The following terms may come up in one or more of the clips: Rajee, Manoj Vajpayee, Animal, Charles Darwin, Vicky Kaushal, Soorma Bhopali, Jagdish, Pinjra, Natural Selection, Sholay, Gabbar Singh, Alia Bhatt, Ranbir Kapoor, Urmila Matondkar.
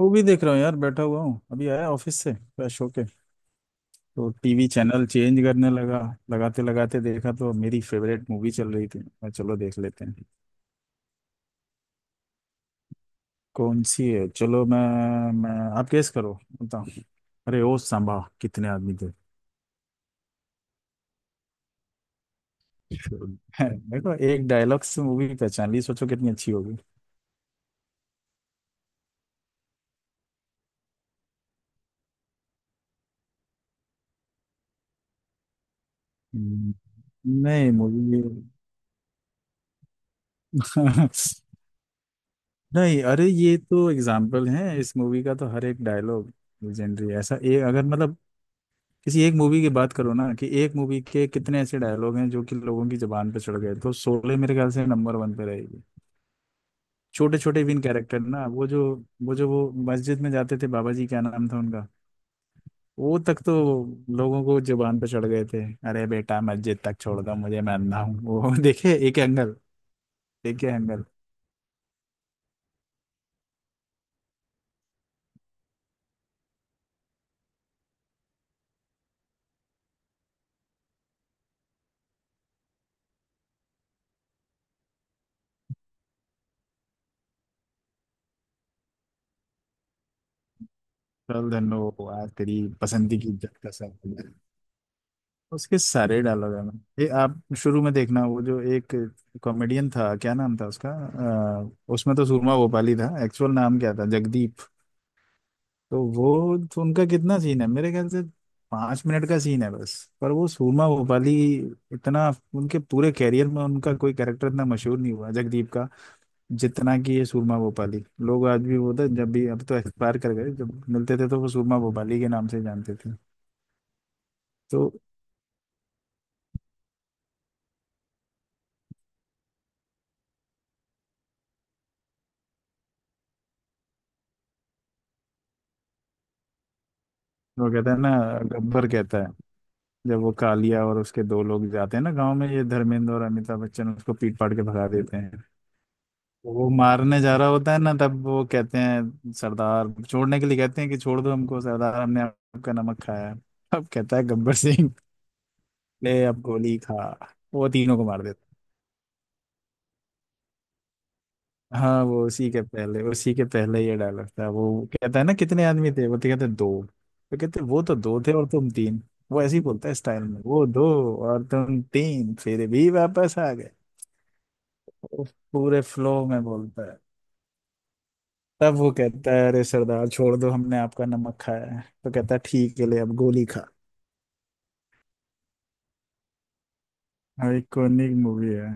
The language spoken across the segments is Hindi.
मूवी देख रहा हूँ यार, बैठा हुआ हूँ। अभी आया ऑफिस से फ्रेश होके तो टीवी चैनल चेंज करने लगा। लगाते लगाते देखा तो मेरी फेवरेट मूवी चल रही थी। मैं, चलो देख लेते हैं। कौन सी है, चलो मैं आप गेस करो बताओ। अरे ओ सांबा, कितने आदमी थे। है, देखो एक डायलॉग से मूवी पहचान ली, सोचो कितनी अच्छी होगी। हम्म, नहीं मूवी। नहीं अरे ये तो एग्जाम्पल है, इस मूवी का तो हर एक डायलॉग लेजेंडरी, ऐसा एक अगर मतलब किसी एक मूवी की बात करो ना कि एक मूवी के कितने ऐसे डायलॉग हैं जो कि लोगों की जुबान पे चढ़ गए, तो शोले मेरे ख्याल से नंबर वन पे रहेगी। छोटे छोटे विन कैरेक्टर ना, वो जो वो मस्जिद में जाते थे, बाबा जी क्या नाम था उनका, वो तक तो लोगों को जुबान पे चढ़ गए थे। अरे बेटा मस्जिद तक छोड़ दो मुझे, मैं अंधा हूँ वो। देखे एक एंगल, देखे एंगल। चल धन्नो, आ तेरी पसंद की इज्जत का सर। उसके सारे डायलॉग है ना। ये आप शुरू में देखना, वो जो एक कॉमेडियन था, क्या नाम था उसका, उसमें तो सूरमा भोपाली था, एक्चुअल नाम क्या था, जगदीप। तो वो तो उनका कितना सीन है मेरे ख्याल से, 5 मिनट का सीन है बस। पर वो सूरमा भोपाली इतना, उनके पूरे कैरियर में उनका कोई कैरेक्टर इतना मशहूर नहीं हुआ जगदीप का जितना कि ये सूरमा भोपाली। लोग आज भी वो था, जब भी, अब तो एक्सपायर कर गए, जब मिलते थे तो वो सूरमा भोपाली के नाम से जानते थे। तो वो कहता है ना, गब्बर कहता है, जब वो कालिया और उसके दो लोग जाते हैं ना गांव में, ये धर्मेंद्र और अमिताभ बच्चन उसको पीट पाट के भगा देते हैं, तो वो मारने जा रहा होता है ना, तब वो कहते हैं सरदार, छोड़ने के लिए कहते हैं कि छोड़ दो हमको सरदार, हमने आपका नमक खाया है। अब कहता है गब्बर सिंह, ले अब गोली खा। वो तीनों को मार देता है। हाँ वो उसी के पहले ये डायलॉग था। वो कहता है ना कितने आदमी थे, वो तो कहते हैं, दो। तो कहते हैं, वो तो दो थे और तुम तीन। वो ऐसे ही बोलता है स्टाइल में, वो दो और तुम तीन, फिर भी वापस आ गए। उस पूरे फ्लो में बोलता है। तब वो कहता है अरे सरदार छोड़ दो हमने आपका नमक खाया है, तो कहता है ठीक है, ले अब गोली खा। आइकॉनिक मूवी है।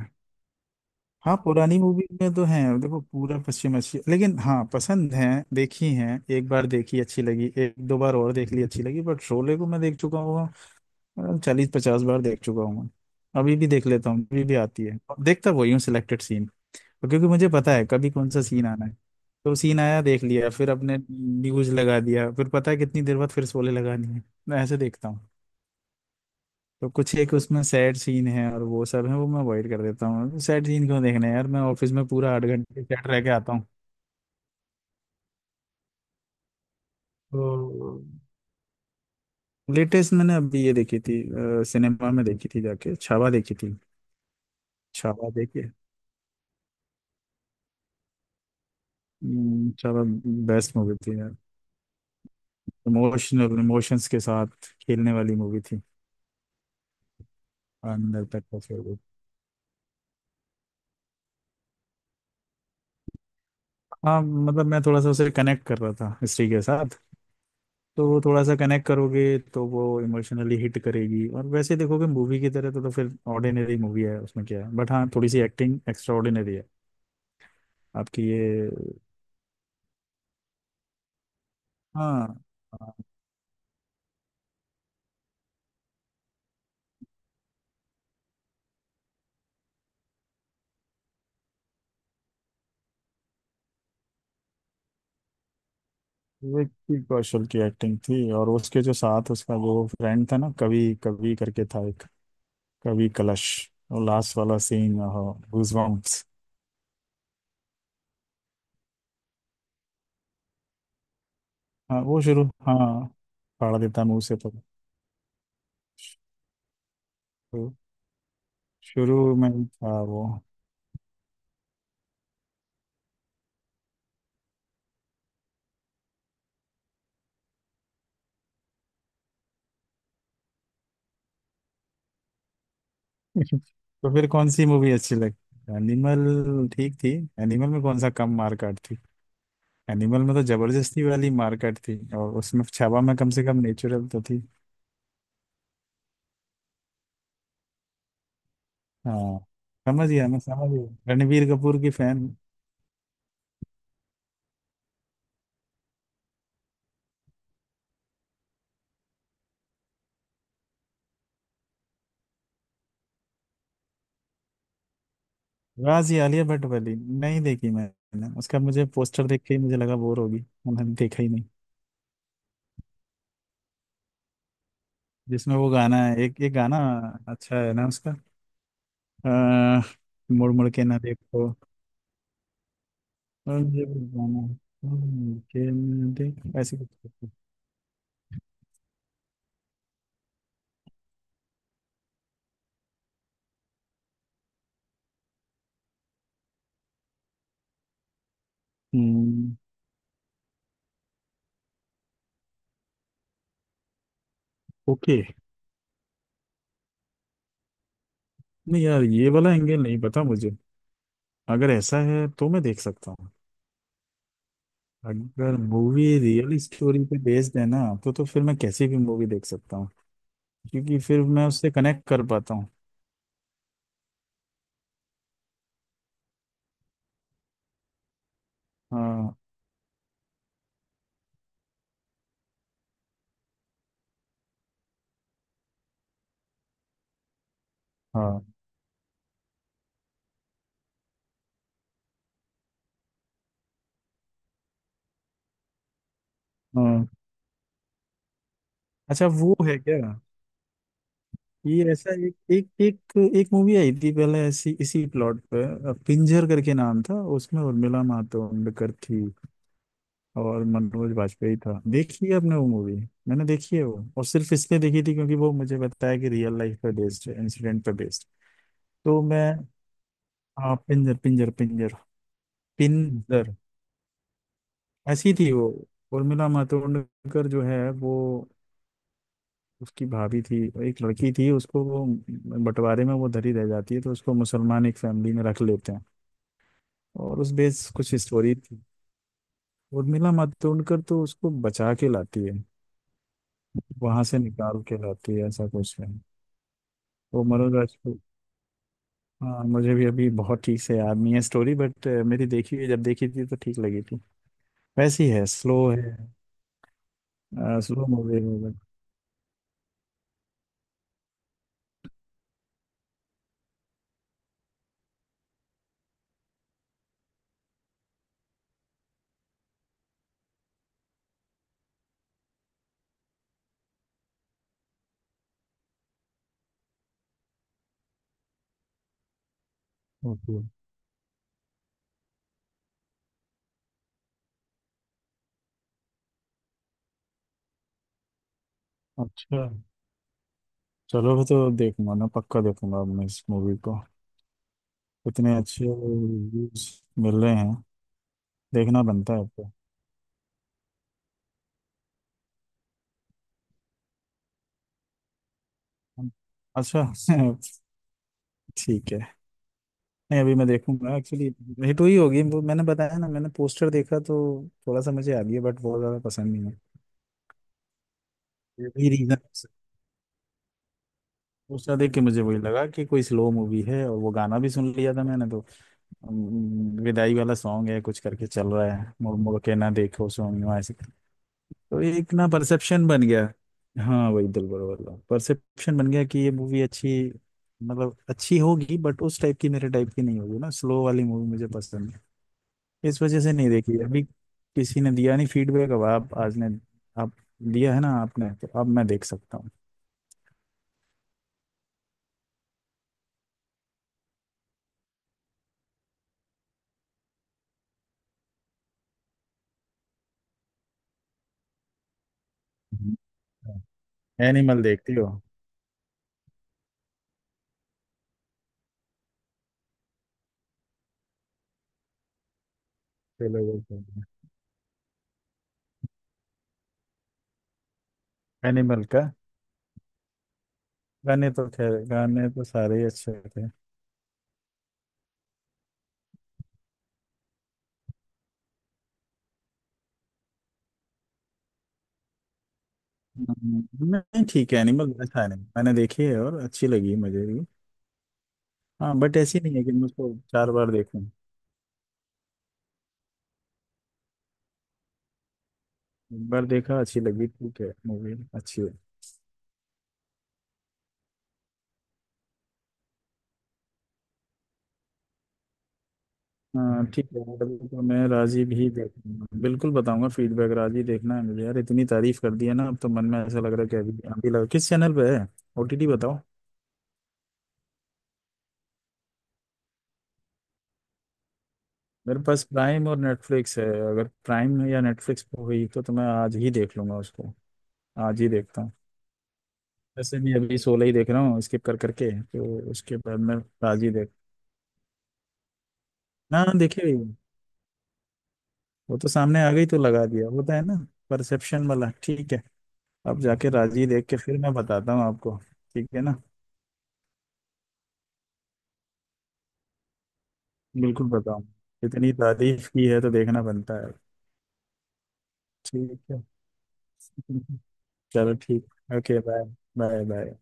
हाँ, पुरानी मूवी में तो है देखो पूरा पश्चिम अच्छी, लेकिन हाँ पसंद है। देखी है, एक बार देखी अच्छी लगी, एक दो बार और देख ली अच्छी लगी, बट शोले को मैं देख चुका हूँ। 40 50 बार देख चुका हूँ। अभी भी देख लेता हूँ, अभी भी आती है। देखता वही हूँ, सिलेक्टेड सीन, क्योंकि मुझे पता है कभी कौन सा सीन आना है। तो सीन आया देख लिया, फिर अपने न्यूज लगा दिया, फिर पता है कितनी देर बाद फिर शोले लगानी है। मैं ऐसे देखता हूँ। तो कुछ एक उसमें सैड सीन है और वो सब है वो मैं अवॉइड कर देता हूँ। सैड सीन क्यों देखने हैं यार, मैं ऑफिस में पूरा 8 घंटे सैड रह के आता हूँ। हम्म। लेटेस्ट मैंने अभी ये देखी थी, सिनेमा में देखी थी, जाके छावा देखी थी। छावा देखी है? छावा बेस्ट मूवी थी यार। इमोशनल, इमोशंस के साथ खेलने वाली मूवी थी। अंदर तक का फेवरेट। हाँ मतलब मैं थोड़ा सा उसे कनेक्ट कर रहा था हिस्ट्री के साथ, तो थोड़ा सा कनेक्ट करोगे तो वो इमोशनली हिट करेगी, और वैसे देखोगे मूवी की तरह तो फिर ऑर्डिनरी मूवी है, उसमें क्या है, बट हाँ थोड़ी सी एक्टिंग एक्स्ट्रा ऑर्डिनरी है। आपकी ये, हाँ। हाँ, विक्की कौशल की एक्टिंग थी और उसके जो साथ उसका वो फ्रेंड था ना, कवि कवि करके था एक, कवि कलश, और लास्ट वाला सीन, गूजबम्प्स। हाँ वो शुरू, हाँ फाड़ देता मुंह से तो शुरू में ही था वो। तो फिर कौन सी मूवी अच्छी लगी, एनिमल ठीक थी। एनिमल में कौन सा कम मारकाट थी, एनिमल में तो जबरदस्ती वाली मारकाट थी, और उसमें छावा में कम से कम नेचुरल तो थी। हाँ, समझ गया, मैं समझ गया, रणबीर कपूर की फैन। राजी आलिया भट्ट वाली नहीं देखी मैंने, उसका मुझे पोस्टर देख के ही मुझे लगा बोर होगी, मैंने देखा ही नहीं। जिसमें वो गाना है, एक एक गाना अच्छा है ना उसका, आ, मुड़ मुड़ के ना देखो। और ये गाना, मुड़ मुड़ के ना देखो ऐसे कुछ। हम्म। ओके। नहीं यार, ये वाला एंगल नहीं पता मुझे, अगर ऐसा है तो मैं देख सकता हूँ। अगर मूवी रियल स्टोरी पे बेस्ड है ना, तो फिर मैं कैसी भी मूवी देख सकता हूँ, क्योंकि फिर मैं उससे कनेक्ट कर पाता हूँ। हाँ। हाँ। हाँ अच्छा वो है क्या? ये ऐसा एक एक एक एक मूवी आई थी पहले ऐसी, इसी प्लॉट पे, पिंजर करके नाम था, उसमें उर्मिला मातोंडकर थी और मनोज वाजपेयी था। देखी है आपने वो मूवी? मैंने देखी है वो, और सिर्फ इसलिए देखी थी क्योंकि वो मुझे बताया कि रियल लाइफ पे बेस्ड है, इंसिडेंट पे बेस्ड। तो मैं, हाँ, पिंजर, पिंजर, पिंजर, पिंजर। ऐसी थी वो, उर्मिला मातोंडकर जो है वो, उसकी भाभी थी एक लड़की थी, उसको वो बंटवारे में वो धरी रह जाती है, तो उसको मुसलमान एक फैमिली में रख लेते हैं, और उस बेस कुछ स्टोरी थी। उर्मिला मातोंडकर तो उसको बचा के लाती है, वहां से निकाल के लाती है, ऐसा कुछ है। वो मरुन राजपूत, हाँ मुझे भी अभी बहुत ठीक से याद नहीं है स्टोरी, बट मेरी देखी हुई जब देखी थी तो ठीक लगी थी। वैसी है, स्लो है, स्लो मूवी है बट। ओके। अच्छा। चलो फिर तो देखूंगा, ना पक्का देखूंगा अब मैं इस मूवी को, इतने अच्छे रिव्यूज मिल रहे हैं देखना बनता है तो। अच्छा। ठीक है। नहीं अभी मैं देखूंगा एक्चुअली। हिट हुई होगी वो, मैंने बताया ना मैंने पोस्टर देखा तो थोड़ा सा मुझे आ गया बट बहुत ज़्यादा पसंद नहीं है। ये भी रीजन, उसका देख के मुझे वही लगा कि कोई स्लो मूवी है, और वो गाना भी सुन लिया था मैंने तो। विदाई वाला सॉन्ग है कुछ करके चल रहा है, मुड़ मुड़ के ना देखो सोनियो ऐसे करके। तो एक ना परसेप्शन बन गया, हाँ वही दिलबर वाला परसेप्शन बन गया कि ये मूवी अच्छी, मतलब अच्छी होगी बट उस टाइप की मेरे टाइप की नहीं होगी, ना स्लो वाली मूवी मुझे पसंद है। इस वजह से नहीं देखी अभी, किसी ने दिया नहीं फीडबैक, अब आप आज ने, आप दिया है ना आपने, तो अब मैं देख सकता हूँ। एनिमल देखती हो? चलो वो तो। एनिमल का गाने तो, खैर गाने तो सारे ही अच्छे थे। नहीं ठीक है एनिमल, अच्छा एनिमल मैंने देखी है और अच्छी लगी मुझे भी। हाँ बट ऐसी नहीं है कि मैं उसको 4 बार देखूं। एक बार देखा, अच्छी लगी, ठीक है, मूवी अच्छी है। हाँ ठीक है यार, अभी तो मैं राजी भी देखूंगा, बिल्कुल बताऊंगा फीडबैक। राजी देखना है मुझे यार, इतनी तारीफ कर दी है ना, अब तो मन में ऐसा लग रहा है कि अभी अभी लगा, किस चैनल पे है, ओटीटी बताओ। मेरे पास प्राइम और नेटफ्लिक्स है, अगर प्राइम या नेटफ्लिक्स पे हुई तो मैं आज ही देख लूंगा उसको। आज ही देखता हूँ। वैसे भी अभी 16 ही देख रहा हूँ स्किप कर करके, तो उसके बाद मैं राजी देख। हाँ देखी हुई हूँ। वो तो सामने आ गई तो लगा दिया, होता है ना, परसेप्शन वाला, ठीक है। अब जाके राजी देख के फिर मैं बताता हूँ आपको, ठीक है ना, बिल्कुल बताऊँ, इतनी तारीफ की है तो देखना बनता है। ठीक है। चलो ठीक। Okay bye. Bye bye.